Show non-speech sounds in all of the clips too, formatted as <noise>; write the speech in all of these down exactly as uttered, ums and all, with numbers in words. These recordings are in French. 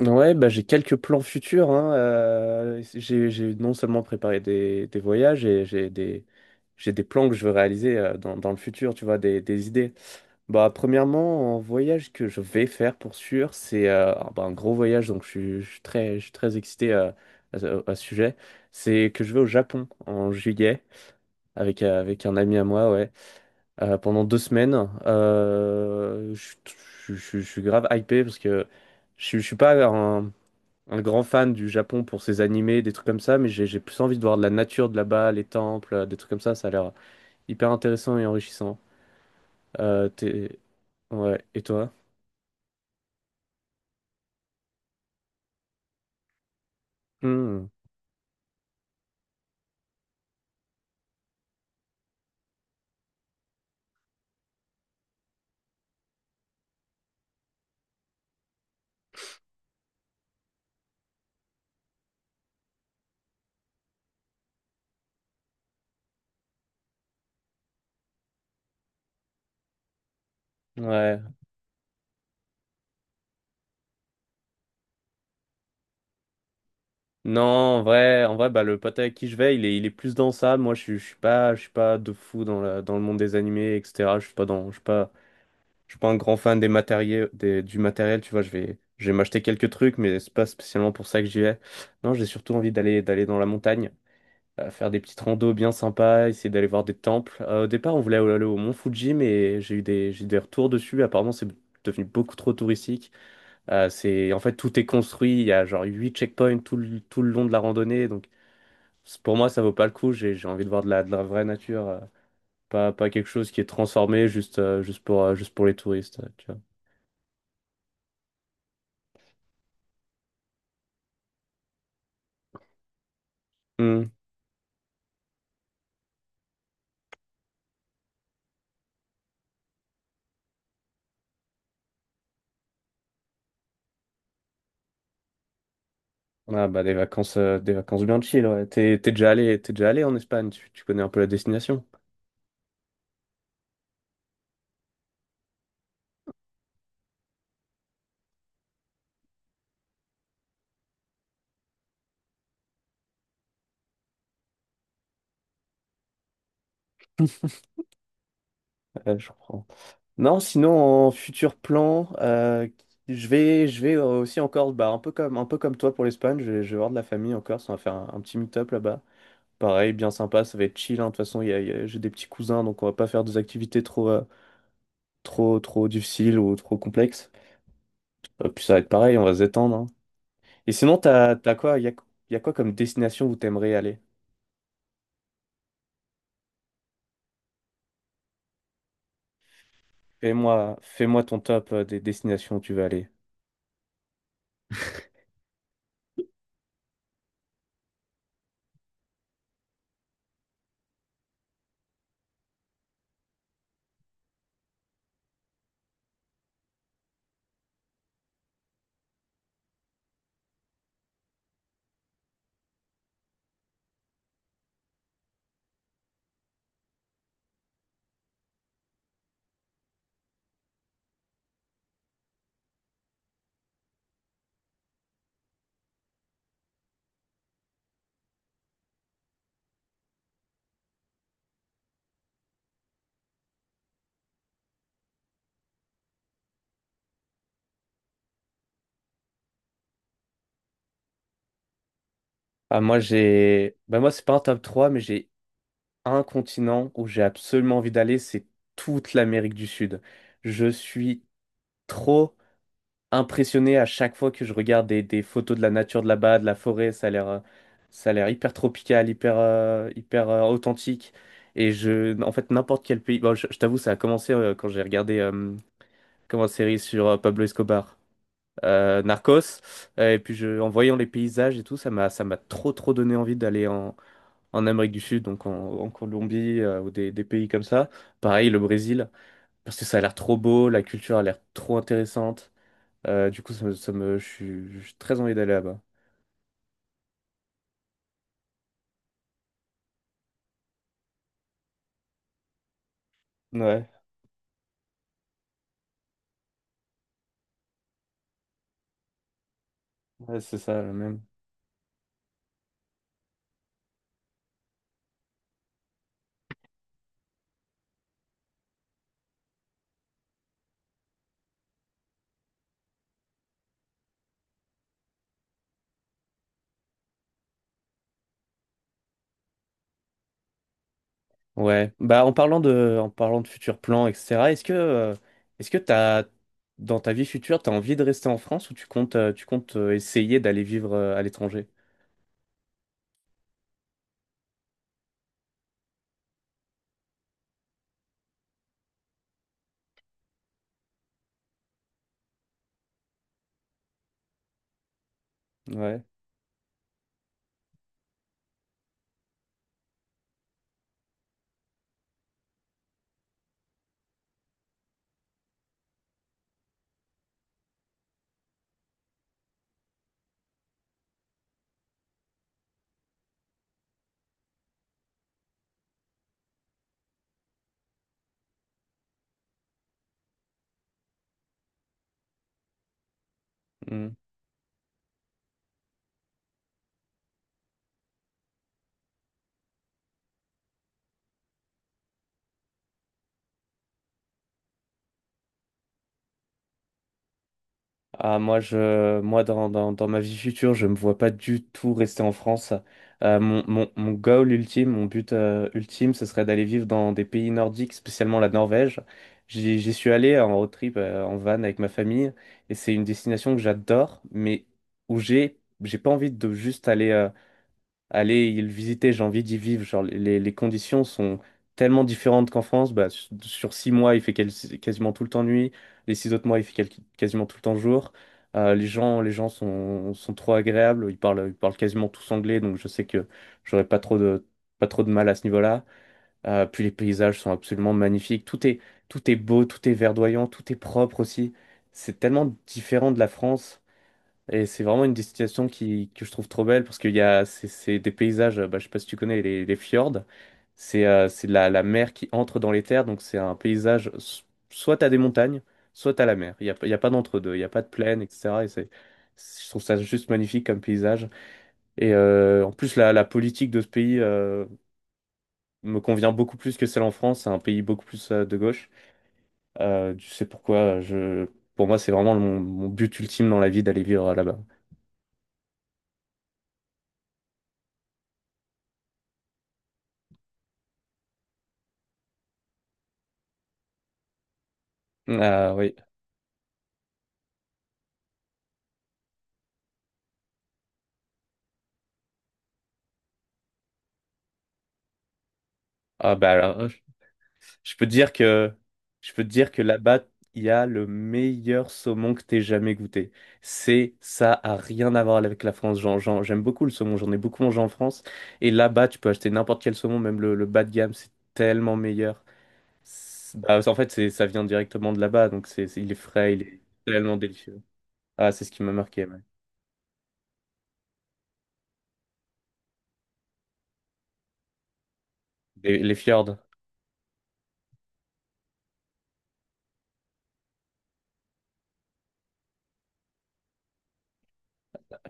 Ouais, bah, j'ai quelques plans futurs, hein. euh, j'ai, j'ai non seulement préparé des, des voyages, et j'ai des, j'ai des plans que je veux réaliser euh, dans, dans le futur, tu vois, des, des idées. Bah, premièrement, un voyage que je vais faire pour sûr, c'est euh, ah, bah, un gros voyage, donc je suis, je suis très, je suis très excité euh, à, ce à ce sujet. C'est que je vais au Japon en juillet avec, euh, avec un ami à moi, ouais, euh, pendant deux semaines. Euh, je, suis je suis- je suis grave hypé parce que je, suis- je suis pas un, un grand fan du Japon pour ses animés, des trucs comme ça, mais j'ai j'ai plus envie de voir de la nature de là-bas, les temples, euh, des trucs comme ça, ça a l'air hyper intéressant et enrichissant. Euh, t'es- Ouais, et toi? Hmm. Ouais. Non, en vrai, en vrai, bah le pote avec qui je vais, il est, il est plus dans ça. Moi, je suis, je suis pas, je suis pas de fou dans la, dans le monde des animés, et cetera. Je suis pas dans, je suis pas, je suis pas un grand fan des matériels, des, du matériel. Tu vois, je vais, je vais m'acheter quelques trucs, mais c'est pas spécialement pour ça que j'y vais. Non, j'ai surtout envie d'aller, d'aller dans la montagne, euh, faire des petites randos bien sympas, essayer d'aller voir des temples. Euh, au départ, on voulait aller au Mont Fuji, mais j'ai eu des, j'ai eu des retours dessus. Apparemment, c'est devenu beaucoup trop touristique. Euh, c'est, en fait, tout est construit. Il y a genre huit checkpoints tout le, tout le long de la randonnée. Donc, c'est- pour moi, ça vaut pas le coup. J'ai, j'ai envie de voir de la, de la vraie nature, euh, pas, pas quelque chose qui est transformé juste, euh, juste pour, euh, juste pour les touristes, euh, tu vois. Hmm. Ah bah des vacances, euh, des vacances bien chill, ouais. T'es, t'es déjà allé, t'es déjà allé en Espagne, tu, tu connais un peu la destination? <laughs> Euh, je crois. Non, sinon en futur plan, euh, je vais, je vais euh, aussi encore, bah, un peu comme, un peu comme toi pour l'Espagne, je vais, je vais voir de la famille encore, on va faire un, un petit meet-up là-bas. Pareil, bien sympa, ça va être chill, hein. De toute façon, il y a- il y a- j'ai des petits cousins, donc on va pas faire des activités trop, euh, trop, trop difficiles ou trop complexes. Euh, puis ça va être pareil, on va se détendre, hein. Et sinon, t'as, t'as quoi, il y a, y a quoi comme destination où t'aimerais aller? Fais-moi, fais-moi ton top euh, des destinations où tu veux aller. Ah, moi j'ai, bah moi c'est pas un top trois mais j'ai un continent où j'ai absolument envie d'aller, c'est toute l'Amérique du Sud. Je suis trop impressionné à chaque fois que je regarde des, des photos de la nature de là-bas, de la forêt. Ça a l'air, euh, ça a l'air hyper tropical, hyper, euh, hyper euh, authentique. Et je, en fait, n'importe quel pays. Bon, je, je t'avoue, ça a commencé euh, quand j'ai regardé euh, comme une série sur euh, Pablo Escobar, euh, Narcos. Euh, et puis je, en voyant les paysages et tout, ça m'a, ça m'a trop trop donné envie d'aller en en Amérique du Sud, donc en, en Colombie euh, ou des, des pays comme ça. Pareil, le Brésil, parce que ça a l'air trop beau, la culture a l'air trop intéressante. Euh, du coup, ça me, ça me- je suis j'ai très envie d'aller là-bas. Ouais, ouais, c'est ça, le même. Ouais. Bah, en parlant de, en parlant de futurs plans, et cetera, est-ce que, euh, est-ce que t'as, dans ta vie future, t'as envie de rester en France ou tu comptes, euh, tu comptes euh, essayer d'aller vivre euh, à l'étranger? Ouais. Ah, moi, je, moi dans, dans, dans ma vie future, je me vois pas du tout rester en France. Euh, mon, mon, mon goal ultime, mon but euh, ultime, ce serait d'aller vivre dans des pays nordiques, spécialement la Norvège. J'y j'y suis allé en road trip, euh, en van avec ma famille, et c'est une destination que j'adore, mais où j'ai, j'ai pas envie de juste aller, euh, aller y le visiter, j'ai envie d'y vivre. Genre, les, les conditions sont tellement différentes qu'en France. Bah, sur sur six mois, il fait quel- quasiment tout le temps nuit. Les six autres mois, il fait quel- quasiment tout le temps jour. Euh, les gens, les gens sont, sont trop agréables. Ils parlent, ils parlent quasiment tous anglais, donc je sais que j'aurais pas trop de, pas trop de mal à ce niveau-là. Euh, puis les paysages sont absolument magnifiques. Tout est, tout est beau, tout est verdoyant, tout est propre aussi. C'est tellement différent de la France. Et c'est vraiment une destination qui, que je trouve trop belle parce qu'il y a c'est c'est des paysages, euh, bah, je sais pas si tu connais les, les fjords, c'est euh, c'est de la, la mer qui entre dans les terres, donc c'est un paysage, s- soit t'as des montagnes, soit t'as la mer, il n'y a, pas- il y a pas d'entre-deux, il n'y a pas de plaine, et cetera. Et c'est, c'est- je trouve ça juste magnifique comme paysage. Et euh, en plus, la, la politique de ce pays euh, me convient beaucoup plus que celle en France, c'est un pays beaucoup plus euh, de gauche. Euh, tu sais pourquoi, euh, je, pour moi c'est vraiment mon, mon but ultime dans la vie d'aller vivre euh, là-bas. Ah oui. Ah bah alors, euh, je peux te dire que je peux te dire que là-bas, il y a le meilleur saumon que t'aies jamais goûté. C'est Ça a rien à voir avec la France. J'en- j'en- j'aime beaucoup le saumon, j'en ai beaucoup mangé en France et là-bas, tu peux acheter n'importe quel saumon, même le, le bas de gamme, c'est tellement meilleur. C'est- bah, en fait, c'est ça vient directement de là-bas, donc c'est c'est- il est frais, il est tellement délicieux. Ah, c'est ce qui m'a marqué, ouais. Les, les fjords.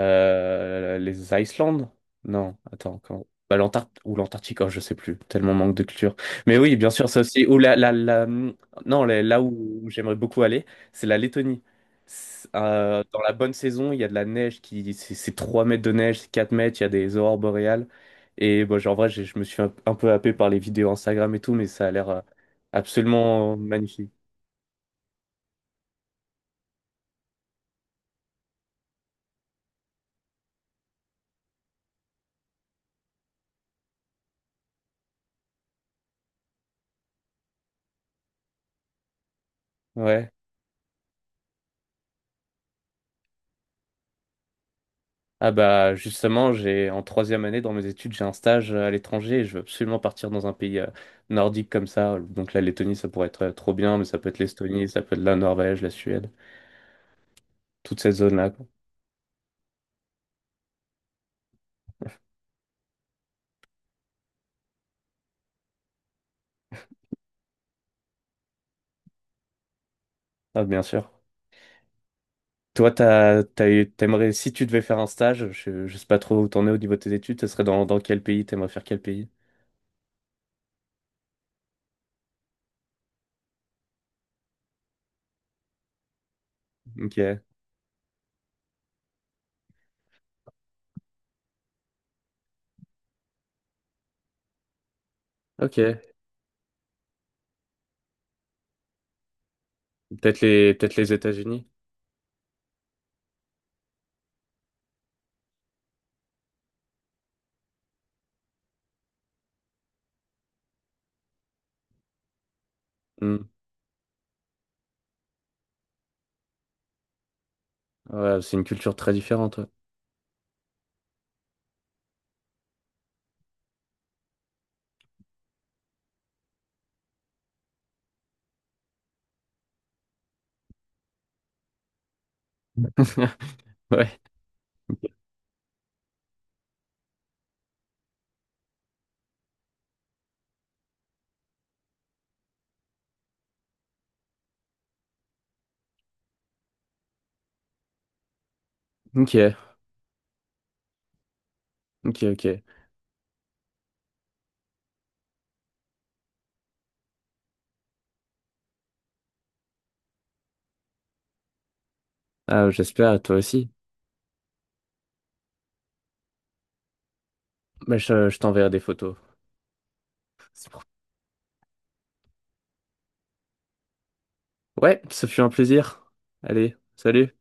Euh, les Islandes? Non, attends, quand... bah, l'Antarctique ou l'Antarctique, oh, je sais plus, tellement manque de culture. Mais oui, bien sûr, ça aussi. Ou la, la, la... hum, Non, la- là où j'aimerais beaucoup aller, c'est la Lettonie. C'est- euh, dans la bonne saison, il y a de la neige qui, c'est c'est trois mètres de neige, c'est quatre mètres, il y a des aurores boréales. Et bon, genre, en vrai, j'ai- je me suis un, un peu happé par les vidéos Instagram et tout, mais ça a l'air euh, absolument euh, magnifique. Ouais. Ah bah justement, j'ai en troisième année dans mes études, j'ai un stage euh, à l'étranger et je veux absolument partir dans un pays euh, nordique comme ça. Donc la Lettonie, ça pourrait être euh, trop bien, mais ça peut être l'Estonie, ça peut être la Norvège, la Suède, toute cette zone-là, quoi. Ah bien sûr. Toi, t'as, t'as eu- t'aimerais, si tu devais faire un stage, je, je sais pas trop où t'en es au niveau de tes études, ce serait dans, dans quel pays, t'aimerais faire quel pays? Ok, ok. Peut-être les, peut-être les États-Unis. Hmm. Ouais, c'est une culture très différente. Ouais. <laughs> Ouais. Ok, ok, ok. Ah, j'espère, toi aussi. Bah, je, je t'enverrai des photos. Ouais, ce fut un plaisir. Allez, salut.